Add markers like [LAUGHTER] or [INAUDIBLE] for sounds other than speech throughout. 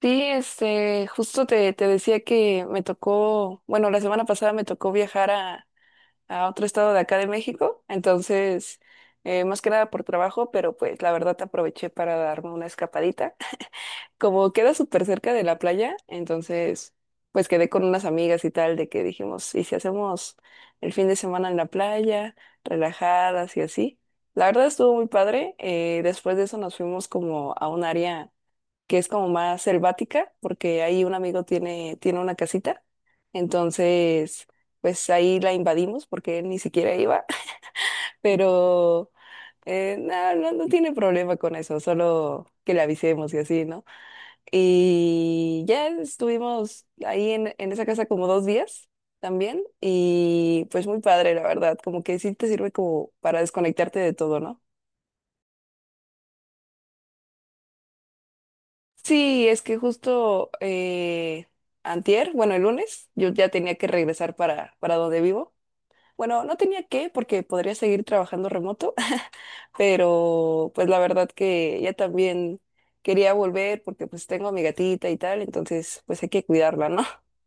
Sí, justo te decía que me tocó, bueno, la semana pasada me tocó viajar a otro estado de acá de México, entonces, más que nada por trabajo, pero pues la verdad te aproveché para darme una escapadita. [LAUGHS] Como queda súper cerca de la playa, entonces, pues quedé con unas amigas y tal, de que dijimos, ¿y si hacemos el fin de semana en la playa, relajadas y así? La verdad estuvo muy padre, después de eso nos fuimos como a un área que es como más selvática, porque ahí un amigo tiene una casita, entonces pues ahí la invadimos porque él ni siquiera iba, [LAUGHS] pero no, no, no tiene problema con eso, solo que le avisemos y así, ¿no? Y ya estuvimos ahí en esa casa como dos días también y pues muy padre, la verdad, como que sí te sirve como para desconectarte de todo, ¿no? Sí, es que justo antier, bueno, el lunes, yo ya tenía que regresar para donde vivo. Bueno, no tenía que porque podría seguir trabajando remoto, [LAUGHS] pero pues la verdad que ya también quería volver porque pues tengo a mi gatita y tal, entonces pues hay que cuidarla, ¿no? [LAUGHS]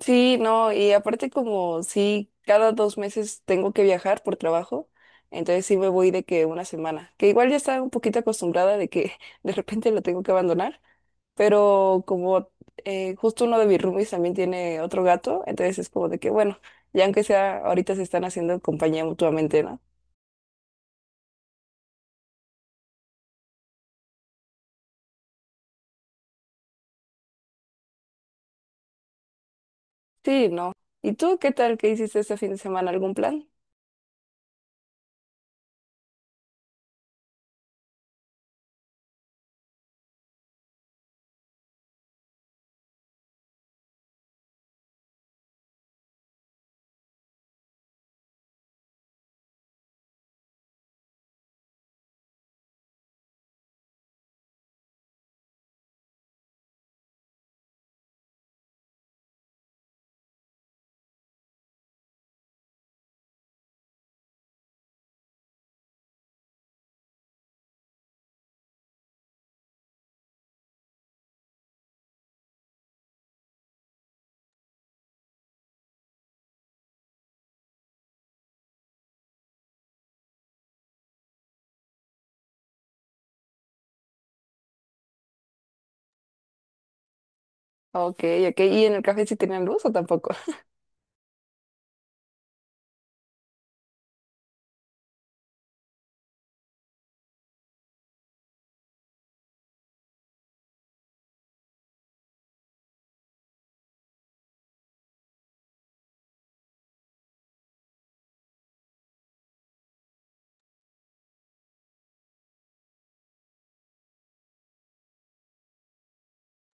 Sí, no, y aparte como sí, cada dos meses tengo que viajar por trabajo, entonces sí me voy de que una semana, que igual ya estaba un poquito acostumbrada de que [LAUGHS] de repente lo tengo que abandonar. Pero como justo uno de mis roomies también tiene otro gato, entonces es como de que, bueno, ya aunque sea, ahorita se están haciendo compañía mutuamente, ¿no? Sí, no. ¿Y tú qué tal? ¿Qué hiciste este fin de semana? ¿Algún plan? Ok, ok. ¿Y en el café sí tenían luz o tampoco? [LAUGHS]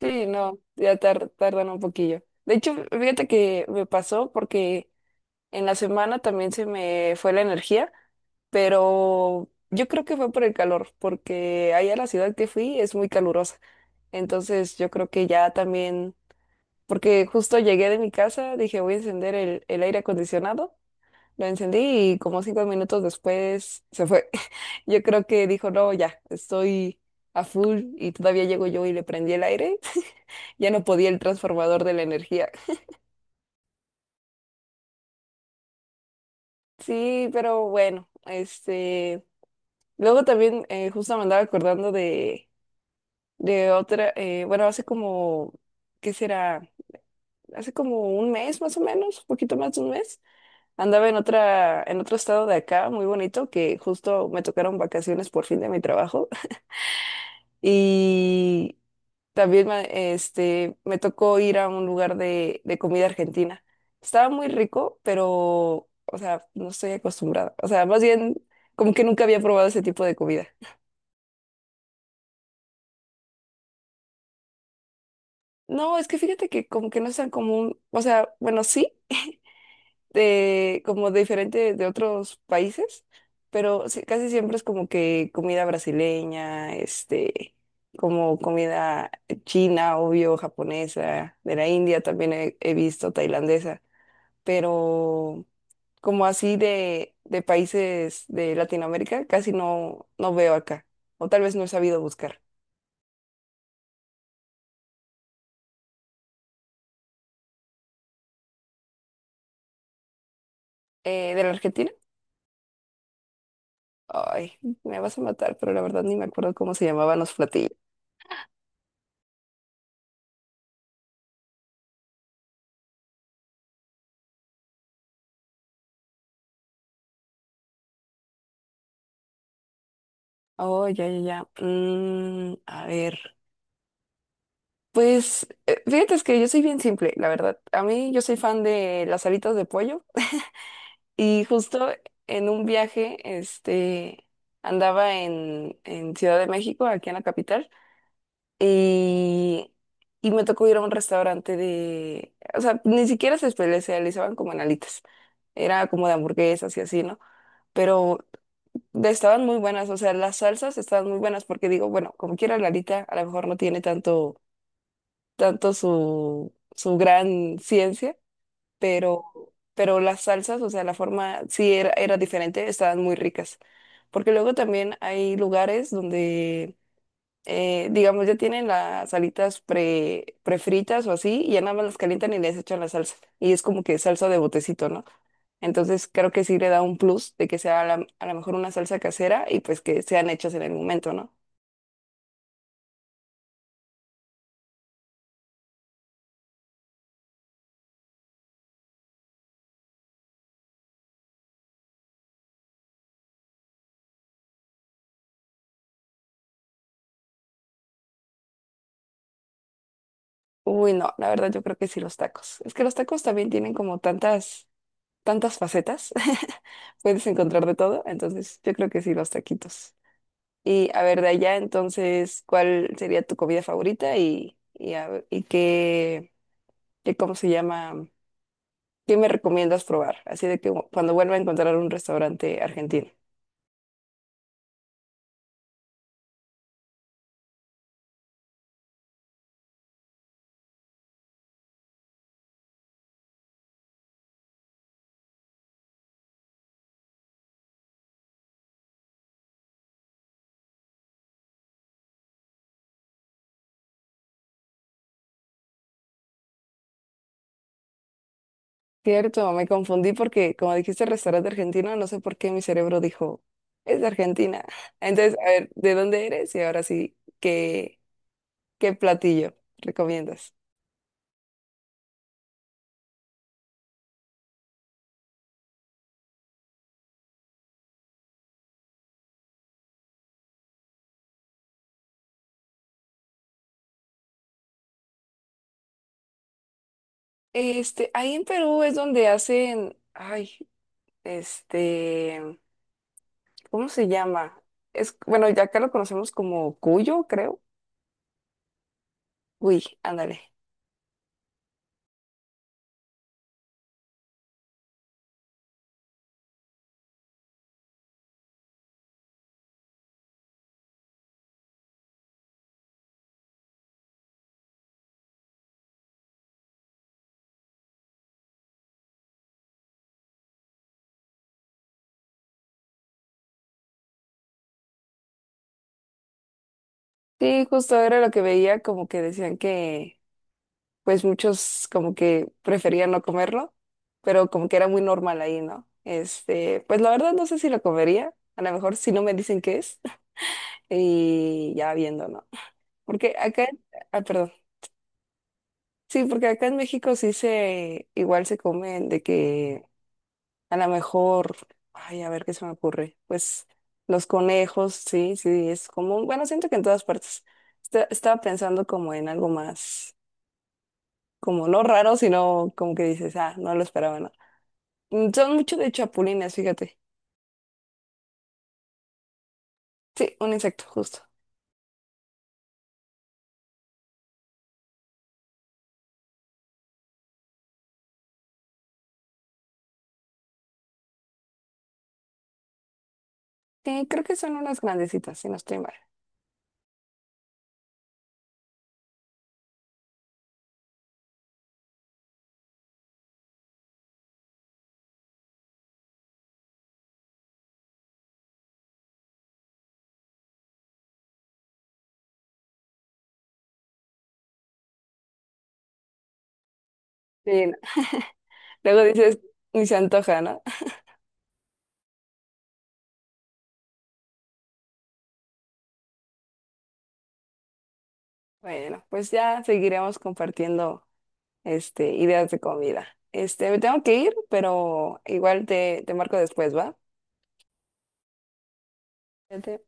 Sí, no, ya tardan un poquillo. De hecho, fíjate que me pasó porque en la semana también se me fue la energía, pero yo creo que fue por el calor, porque allá la ciudad que fui es muy calurosa. Entonces yo creo que ya también, porque justo llegué de mi casa, dije voy a encender el aire acondicionado, lo encendí y como cinco minutos después se fue. [LAUGHS] Yo creo que dijo, no, ya, estoy a full y todavía llego yo y le prendí el aire, [LAUGHS] ya no podía el transformador de la energía. Sí, pero bueno, luego también justo me andaba acordando de otra, bueno, hace como, ¿qué será? Hace como un mes más o menos, un poquito más de un mes. Andaba en otra, en otro estado de acá, muy bonito, que justo me tocaron vacaciones por fin de mi trabajo. [LAUGHS] Y también me, me tocó ir a un lugar de comida argentina. Estaba muy rico, pero, o sea, no estoy acostumbrada. O sea, más bien, como que nunca había probado ese tipo de comida. No, es que fíjate que como que no es tan común. O sea, bueno, sí, [LAUGHS] de, como diferente de otros países, pero sí, casi siempre es como que comida brasileña, como comida china, obvio, japonesa, de la India también he visto tailandesa, pero como así de países de Latinoamérica, casi no, no veo acá, o tal vez no he sabido buscar. ¿De la Argentina? Ay, me vas a matar, pero la verdad ni me acuerdo cómo se llamaban los platillos. Oh, ya, ya, ya. Mm, a ver. Pues fíjate es que yo soy bien simple, la verdad. A mí yo soy fan de las alitas de pollo [LAUGHS] y justo en un viaje, andaba en Ciudad de México, aquí en la capital, y, y me tocó ir a un restaurante de, o sea, ni siquiera se especializaban como en alitas, era como de hamburguesas y así, ¿no? Pero estaban muy buenas, o sea, las salsas estaban muy buenas porque digo, bueno, como quiera la alita, a lo mejor no tiene tanto tanto su gran ciencia, pero, pero las salsas, o sea, la forma sí era, era diferente, estaban muy ricas. Porque luego también hay lugares donde, digamos, ya tienen las alitas prefritas o así, y ya nada más las calientan y les echan la salsa. Y es como que salsa de botecito, ¿no? Entonces creo que sí le da un plus de que sea a lo mejor una salsa casera y pues que sean hechas en el momento, ¿no? Uy, no, la verdad yo creo que sí los tacos. Es que los tacos también tienen como tantas tantas facetas, [LAUGHS] puedes encontrar de todo, entonces yo creo que sí, los taquitos. Y a ver, de allá, entonces, ¿cuál sería tu comida favorita y, y qué, qué, cómo se llama, qué me recomiendas probar? Así de que cuando vuelva a encontrar un restaurante argentino. Cierto, me confundí porque como dijiste restaurante argentino, no sé por qué mi cerebro dijo, es de Argentina. [LAUGHS] Entonces, a ver, ¿de dónde eres? Y ahora sí, ¿qué, qué platillo recomiendas? Ahí en Perú es donde hacen, ay, este, ¿cómo se llama? Es, bueno, ya acá lo conocemos como cuyo, creo. Uy, ándale. Sí, justo era lo que veía, como que decían que, pues muchos como que preferían no comerlo, pero como que era muy normal ahí, ¿no? Pues la verdad no sé si lo comería, a lo mejor si no me dicen qué es, [LAUGHS] y ya viendo, ¿no? Porque acá, ah, perdón. Sí, porque acá en México sí se, igual se comen de que a lo mejor, ay, a ver qué se me ocurre. Pues los conejos, sí, sí, es común. Bueno, siento que en todas partes. Estaba pensando como en algo más, como no raro, sino como que dices, ah, no lo esperaba, no. Mm, son mucho de chapulines, fíjate. Sí, un insecto, justo. Sí, creo que son unas grandecitas, si no estoy mal. Sí, no. Luego dices, ni se antoja, ¿no? Bueno, pues ya seguiremos compartiendo ideas de comida. Me tengo que ir, pero igual te, te marco después, ¿va? Sede.